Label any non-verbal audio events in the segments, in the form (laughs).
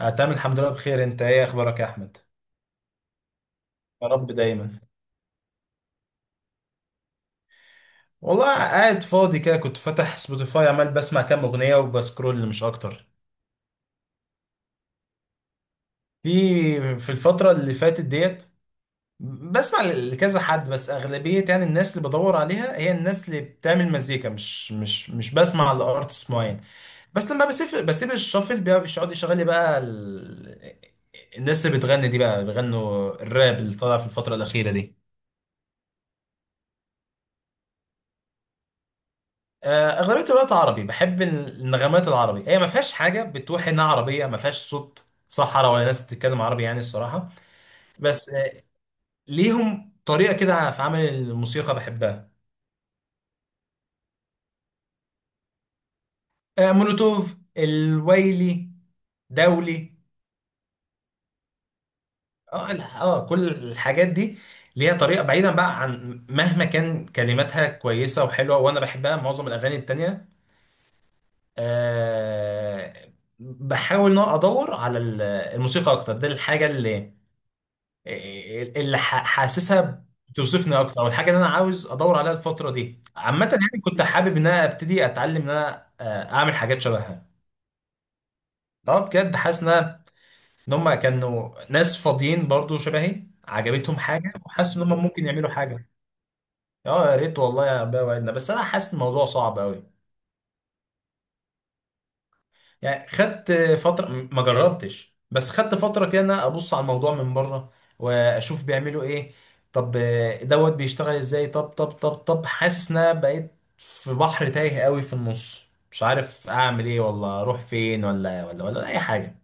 آه، تمام الحمد لله بخير. انت ايه اخبارك يا احمد؟ يا رب دايما. والله قاعد فاضي كده، كنت فاتح سبوتيفاي عمال بسمع كام اغنيه وبسكرول مش اكتر. في في الفتره اللي فاتت ديت بسمع لكذا حد، بس اغلبيه يعني الناس اللي بدور عليها هي الناس اللي بتعمل مزيكا، مش بسمع لارتست معين. بس لما بسيب الشافل بقى بيقعد يشغل لي بقى الناس اللي بتغني دي بقى بيغنوا الراب اللي طالع في الفتره الاخيره دي. آه، اغلبيه الوقت عربي، بحب النغمات العربي هي ما فيهاش حاجه بتوحي انها عربيه، ما فيهاش صوت صحراء ولا ناس بتتكلم عربي يعني الصراحه. بس ليهم طريقه كده في عمل الموسيقى بحبها. آه، مولوتوف الويلي دولي. كل الحاجات دي ليها طريقه، بعيدا بقى عن مهما كان كلماتها كويسه وحلوه وانا بحبها معظم الاغاني التانيه. آه، بحاول ان أنا ادور على الموسيقى اكتر، ده الحاجه اللي حاسسها بتوصفني اكتر او الحاجه اللي انا عاوز ادور عليها الفتره دي عامه، يعني كنت حابب ان انا ابتدي اتعلم ان انا اعمل حاجات شبهها. اه بجد حاسس إن هم كانوا ناس فاضيين برضو شبهي عجبتهم حاجه، وحاسس ان هم ممكن يعملوا حاجه. اه يا ريت والله يا بقى وعدنا، بس انا حاسس الموضوع صعب قوي. يعني خدت فترة ما جربتش، بس خدت فترة كده إن أنا ابص على الموضوع من بره واشوف بيعملوا ايه. طب دوت بيشتغل ازاي، طب حاسس ان انا بقيت في بحر تايه قوي في النص، مش عارف اعمل ايه ولا اروح فين ولا اي حاجة.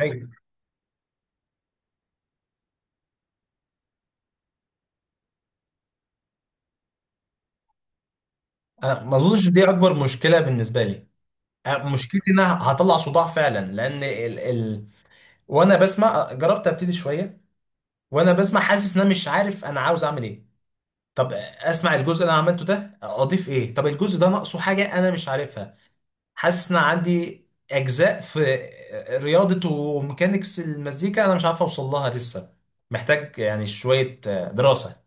أيوة. انا ما اظنش دي اكبر مشكلة بالنسبة لي. مشكلتي ان انا هطلع صداع فعلا لان وانا بسمع، جربت ابتدي شوية وانا بسمع حاسس ان انا مش عارف انا عاوز اعمل ايه. طب اسمع الجزء اللي انا عملته ده اضيف ايه؟ طب الجزء ده ناقصه حاجه انا مش عارفها، حاسس ان عندي اجزاء في رياضه وميكانيكس المزيكا انا مش عارف اوصل لها لسه، محتاج يعني شويه دراسه.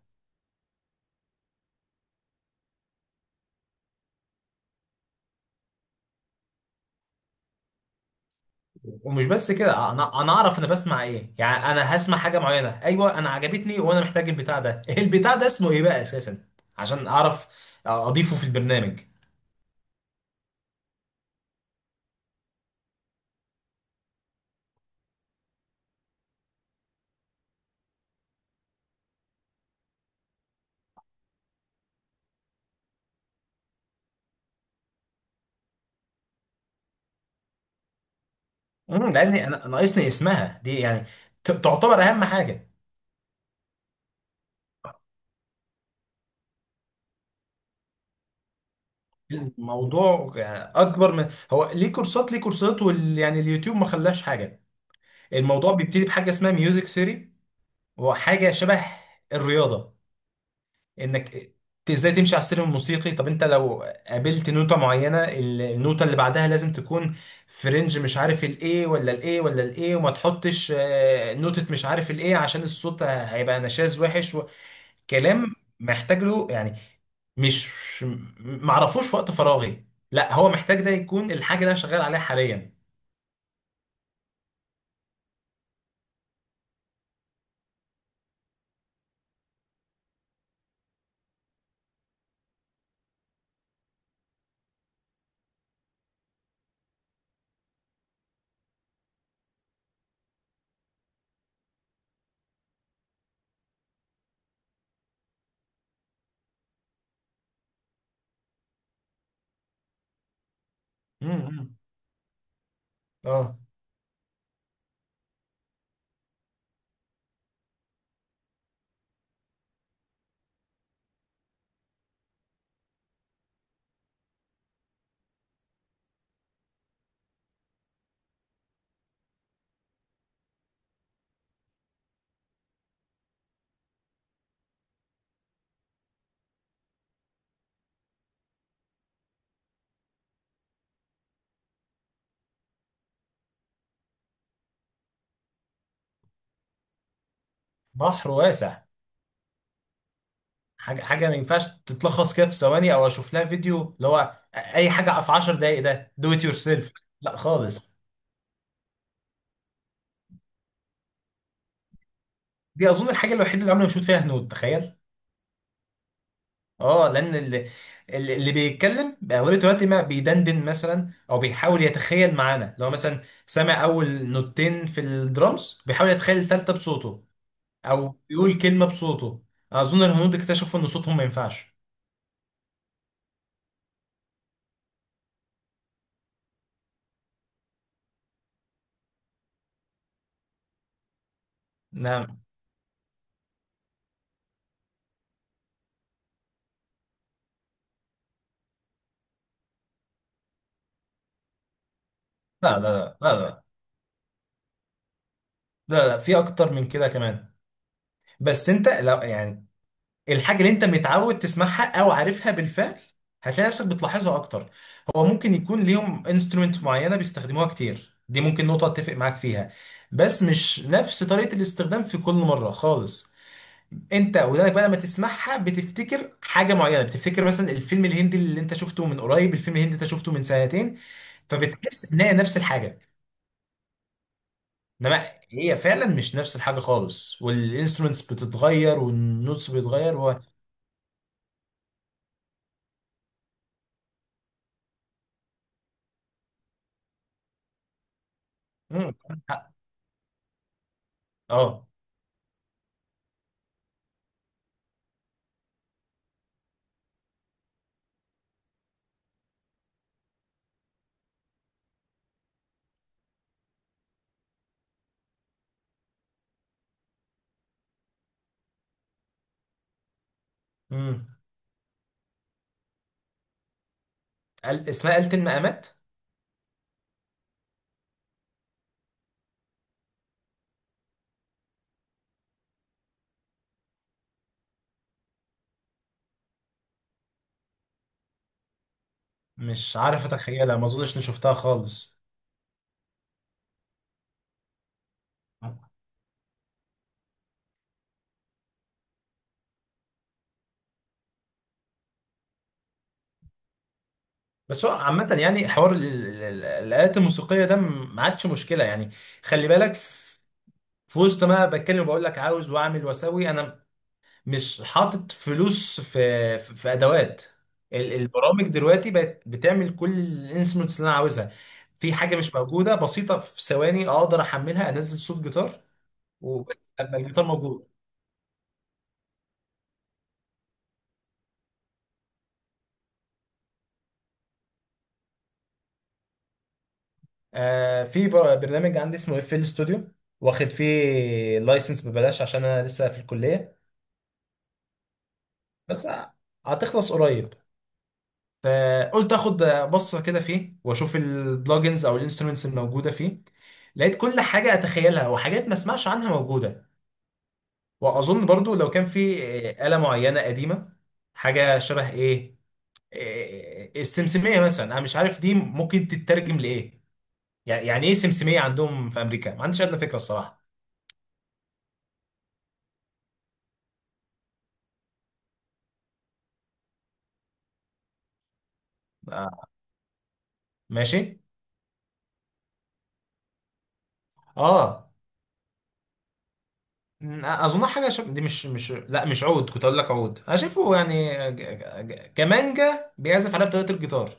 ومش بس كده، انا اعرف انا بسمع ايه، يعني انا هسمع حاجه معينه، ايوه انا عجبتني وانا محتاج البتاع ده (laughs) البتاع ده اسمه ايه بقى اساسا عشان اعرف اضيفه في البرنامج. لان انا ناقصني اسمها دي يعني تعتبر اهم حاجه. الموضوع يعني اكبر من هو ليه كورسات ليه كورسات يعني اليوتيوب ما خلاش حاجه. الموضوع بيبتدي بحاجه اسمها ميوزك ثيري، وهو حاجه شبه الرياضه، انك ازاي تمشي على السلم الموسيقي. طب انت لو قابلت نوتة معينة، النوتة اللي بعدها لازم تكون في رينج مش عارف الايه ولا الايه ولا الايه، وما تحطش نوتة مش عارف الايه عشان الصوت هيبقى نشاز وحش. كلام محتاج له يعني، مش معرفوش في وقت فراغي، لا هو محتاج ده يكون الحاجه اللي انا شغال عليها حاليا. امم. اه. بحر واسع. حاجه حاجه ما ينفعش تتلخص كده في ثواني او اشوف لها فيديو اللي هو اي حاجه. اه لان اللي بيتكلم اغلبيه الوقت ما بيدندن مثلا او بيحاول يتخيل معانا، لو مثلا سامع اول نوتين في الدرامز بيحاول يتخيل الثالثه بصوته او بيقول كلمه بصوته. اظن الهنود اكتشفوا ان صوتهم ما ينفعش. نعم. لا لا لا لا لا, لا, لا, لا، في اكتر من كده كمان. بس انت لا يعني الحاجة اللي انت متعود تسمعها او عارفها بالفعل هتلاقي نفسك بتلاحظها اكتر. هو ممكن يكون ليهم انسترومنت معينة بيستخدموها كتير، دي ممكن نقطة اتفق معاك فيها، بس مش نفس طريقة الاستخدام في كل مرة خالص. انت ودانك بقى لما تسمعها بتفتكر حاجة معينة، بتفتكر مثلا الفيلم الهندي اللي انت شفته من قريب، الفيلم الهندي اللي انت شفته من سنتين، فبتحس ان هي نفس الحاجة، انما هي فعلا مش نفس الحاجة خالص، والانسترومنتس بتتغير والنوتس بيتغير مم. اه. مم. قال اسمها آلة المقامات. مش عارف اتخيلها، ما اظنش اني شفتها خالص. بس هو عامة يعني حوار الآلات الموسيقية ده ما عادش مشكلة يعني. خلي بالك في وسط ما بتكلم وبقول لك عاوز واعمل واسوي، انا مش حاطط فلوس في ادوات. البرامج دلوقتي بقت بتعمل كل الانسترومنتس اللي انا عاوزها. في حاجة مش موجودة بسيطة، في ثواني اقدر احملها، انزل صوت جيتار وابقى الجيتار موجود. آه، في برنامج عندي اسمه FL ستوديو، واخد فيه لايسنس ببلاش عشان انا لسه في الكليه، بس هتخلص قريب. فقلت اخد بصه كده فيه واشوف البلوجنز او الانسترومنتس الموجوده فيه. لقيت كل حاجه اتخيلها وحاجات ما اسمعش عنها موجوده. واظن برضو لو كان في آلة معينه قديمه، حاجه شبه ايه، السمسميه مثلا انا مش عارف دي ممكن تترجم لايه، يعني ايه سمسميه عندهم في امريكا، ما عنديش ادنى فكره الصراحه. آه، ماشي. اه. اظن حاجه دي مش مش لا مش عود، كنت اقول لك عود انا شايفه يعني كمانجا بيعزف عليها بطريقه الجيتار.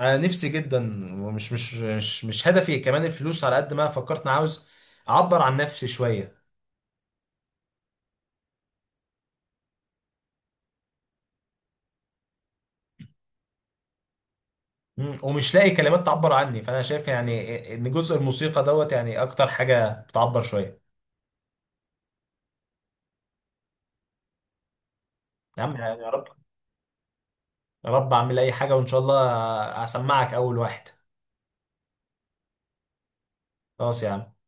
انا نفسي جدا، ومش مش مش مش هدفي كمان الفلوس على قد ما فكرت، انا عاوز اعبر عن نفسي شويه. مم. ومش لاقي كلمات تعبر عني، فانا شايف يعني ان جزء الموسيقى دوت يعني اكتر حاجه بتعبر شويه. يا عم يعني يا رب. يا رب اعمل اي حاجه وان شاء الله اسمعك اول واحد. خلاص يا عم.